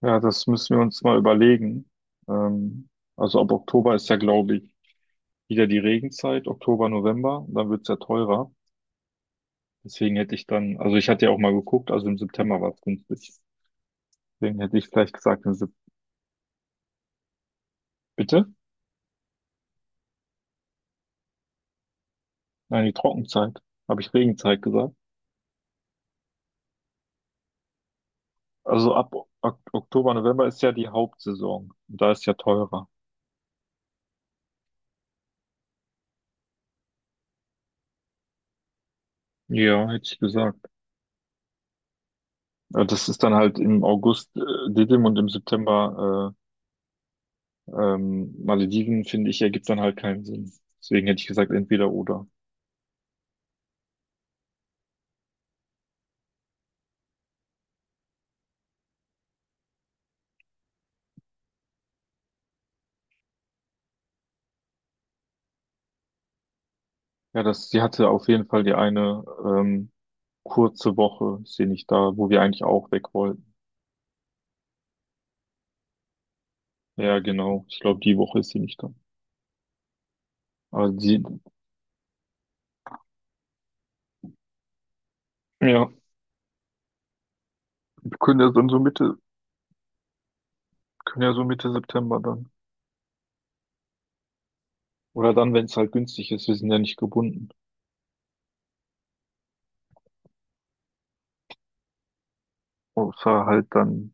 Ja, das müssen wir uns mal überlegen. Ähm, also ab Oktober ist ja, glaube ich, wieder die Regenzeit, Oktober, November, dann wird's ja teurer. Deswegen hätte ich dann, also ich hatte ja auch mal geguckt, also im September war's günstig. Deswegen hätte ich vielleicht gesagt, bitte? Nein, die Trockenzeit. Habe ich Regenzeit gesagt? Also ab Oktober, November ist ja die Hauptsaison. Und da ist ja teurer. Ja, hätte ich gesagt. Das ist dann halt im August Didim und im September Malediven, finde ich, ergibt dann halt keinen Sinn. Deswegen hätte ich gesagt, entweder oder. Ja, das, sie hatte auf jeden Fall die eine kurze Woche, ist sie nicht da, wo wir eigentlich auch weg wollten. Ja, genau. Ich glaube, die Woche ist sie nicht da. Aber sie, ja, wir können ja dann so Mitte, können ja so Mitte September dann. Oder dann, wenn es halt günstig ist, wir sind ja nicht gebunden. Außer halt dann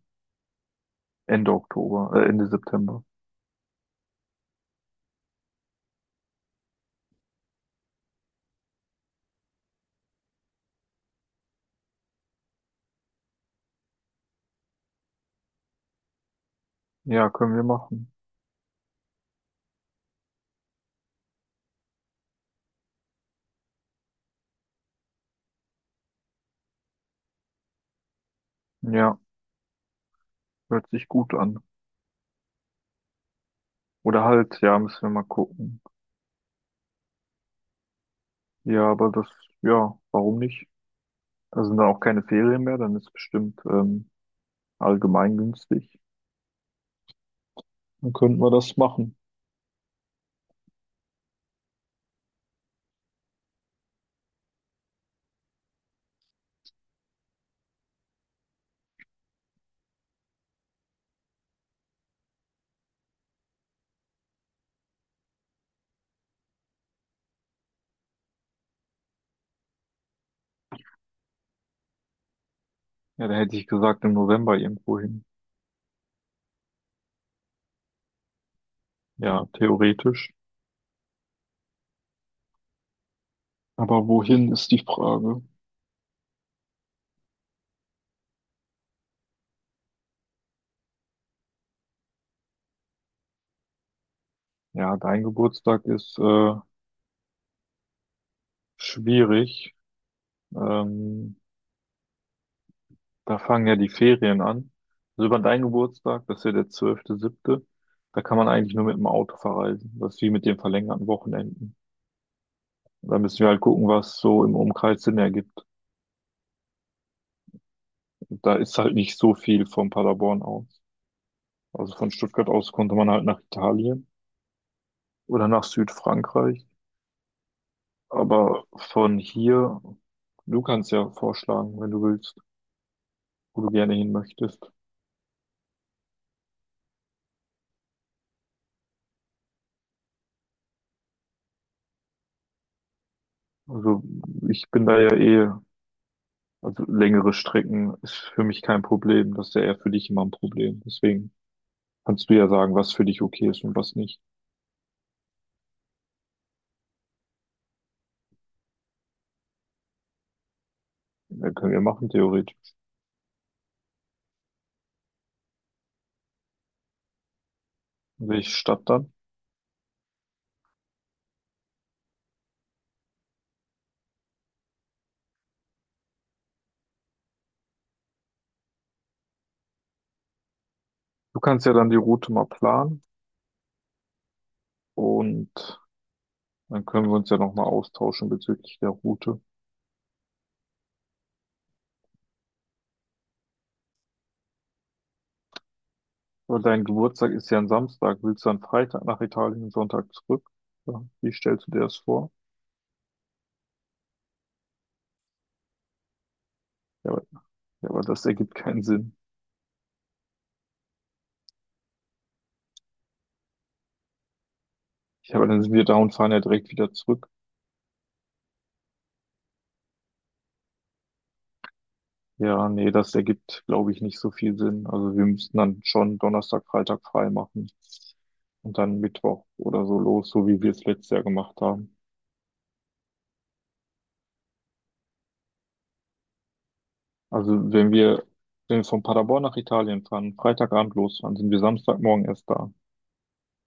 Ende Oktober, Ende September. Ja, können wir machen. Ja, hört sich gut an. Oder halt, ja, müssen wir mal gucken. Ja, aber das, ja, warum nicht? Da sind dann auch keine Ferien mehr, dann ist es bestimmt allgemein günstig. Dann könnten wir das machen. Ja, da hätte ich gesagt, im November irgendwo hin. Ja, theoretisch. Aber wohin ist die Frage? Ja, dein Geburtstag ist schwierig. Ähm, Da fangen ja die Ferien an. Also über deinen Geburtstag, das ist ja der 12.7., da kann man eigentlich nur mit dem Auto verreisen. Das ist wie mit den verlängerten Wochenenden. Da müssen wir halt gucken, was so im Umkreis Sinn ergibt. Da ist halt nicht so viel von Paderborn aus. Also von Stuttgart aus konnte man halt nach Italien oder nach Südfrankreich. Aber von hier, du kannst ja vorschlagen, wenn du willst, wo du gerne hin möchtest. Also ich bin da ja eh, also längere Strecken ist für mich kein Problem. Das ist ja eher für dich immer ein Problem. Deswegen kannst du ja sagen, was für dich okay ist und was nicht. Ja, können wir machen, theoretisch. Welche Stadt dann? Du kannst ja dann die Route mal planen und dann können wir uns ja nochmal austauschen bezüglich der Route. Aber dein Geburtstag ist ja ein Samstag. Willst du dann Freitag nach Italien und Sonntag zurück? Ja, wie stellst du dir das vor? Ja, aber, ja, aber das ergibt keinen Sinn. Ja, aber dann sind wir da und fahren ja direkt wieder zurück. Ja, nee, das ergibt, glaube ich, nicht so viel Sinn. Also wir müssten dann schon Donnerstag, Freitag frei machen und dann Mittwoch oder so los, so wie wir es letztes Jahr gemacht haben. Also wenn wir, von Paderborn nach Italien fahren, Freitagabend losfahren, sind wir Samstagmorgen erst da.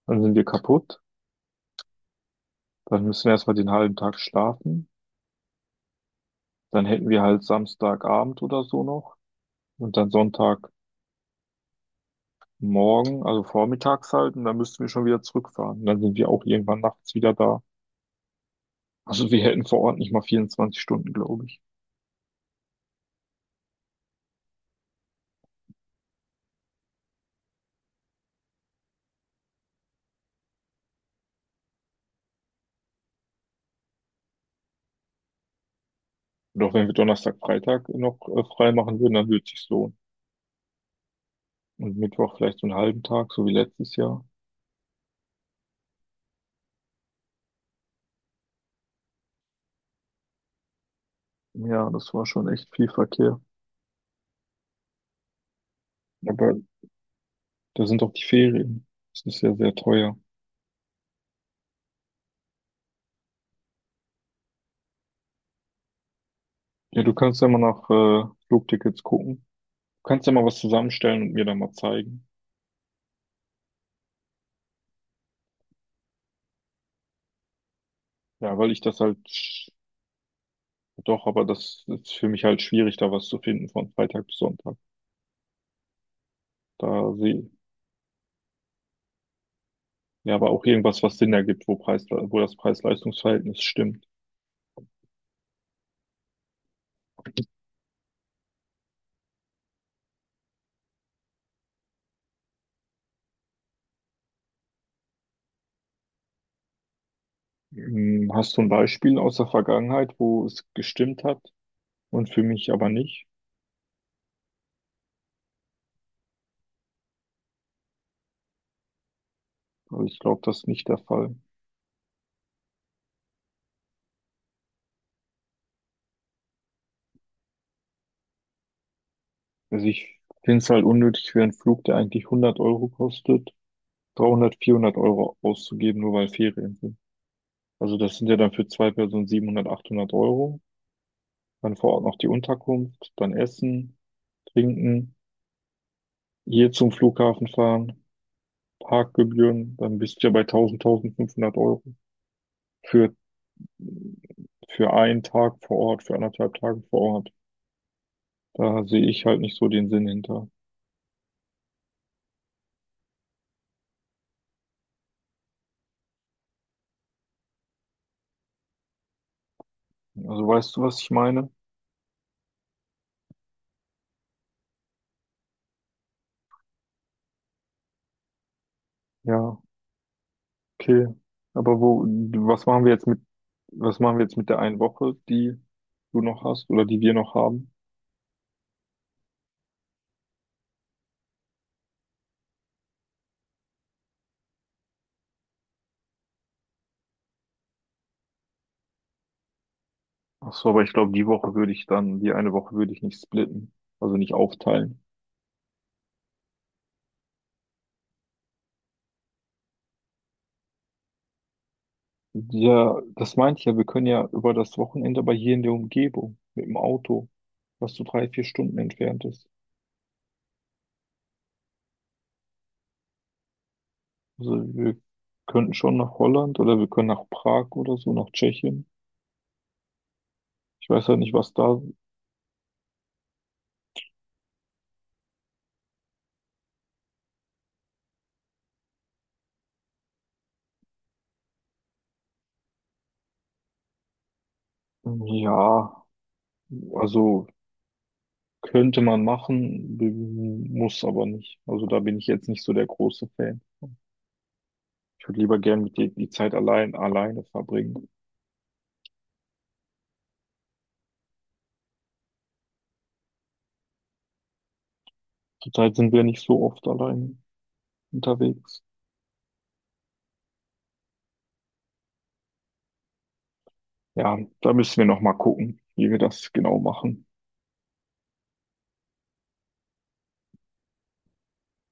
Dann sind wir kaputt. Dann müssen wir erstmal den halben Tag schlafen. Dann hätten wir halt Samstagabend oder so noch. Und dann Sonntagmorgen, also vormittags halt. Und dann müssten wir schon wieder zurückfahren. Und dann sind wir auch irgendwann nachts wieder da. Also wir hätten vor Ort nicht mal 24 Stunden, glaube ich. Doch wenn wir Donnerstag, Freitag noch frei machen würden, dann würde es sich lohnen. Und Mittwoch vielleicht so einen halben Tag, so wie letztes Jahr. Ja, das war schon echt viel Verkehr. Aber da sind doch die Ferien. Das ist ja sehr teuer. Ja, du kannst ja mal nach Flugtickets gucken. Kannst du mal was zusammenstellen und mir dann mal zeigen? Ja, weil ich das halt sch- doch, aber das ist für mich halt schwierig, da was zu finden von Freitag bis Sonntag. Da sehe Ja, aber auch irgendwas, was Sinn ergibt, wo Preis, wo das Preis-Leistungs-Verhältnis stimmt. Hm, hast du ein Beispiel aus der Vergangenheit, wo es gestimmt hat und für mich aber nicht? Weil ich glaube, das ist nicht der Fall. Also ich finde es halt unnötig für einen Flug, der eigentlich 100 Euro kostet, 300, 400 Euro auszugeben, nur weil Ferien sind. Also das sind ja dann für zwei Personen 700, 800 Euro. Dann vor Ort noch die Unterkunft, dann Essen, Trinken, hier zum Flughafen fahren, Parkgebühren, dann bist du ja bei 1000, 1500 Euro für, für, einen Tag vor Ort, für anderthalb Tage vor Ort. Da sehe ich halt nicht so den Sinn hinter. Also weißt du, was ich meine? Ja, okay. Aber wo, was machen wir jetzt mit, was machen wir jetzt mit der einen Woche, die du noch hast oder die wir noch haben? Ach so, aber ich glaube, die Woche würde ich dann, die eine Woche würde ich nicht splitten, also nicht aufteilen. Ja, das meinte ich ja, wir können ja über das Wochenende aber hier in der Umgebung mit dem Auto, was so 3, 4 Stunden entfernt ist. Also wir könnten schon nach Holland oder wir können nach Prag oder so, nach Tschechien. Ich weiß halt nicht, was da, ja, also könnte man machen, muss aber nicht. Also da bin ich jetzt nicht so der große Fan. Ich würde lieber gern mit dir die Zeit allein, alleine verbringen. Zurzeit sind wir nicht so oft allein unterwegs. Ja, da müssen wir noch mal gucken, wie wir das genau machen.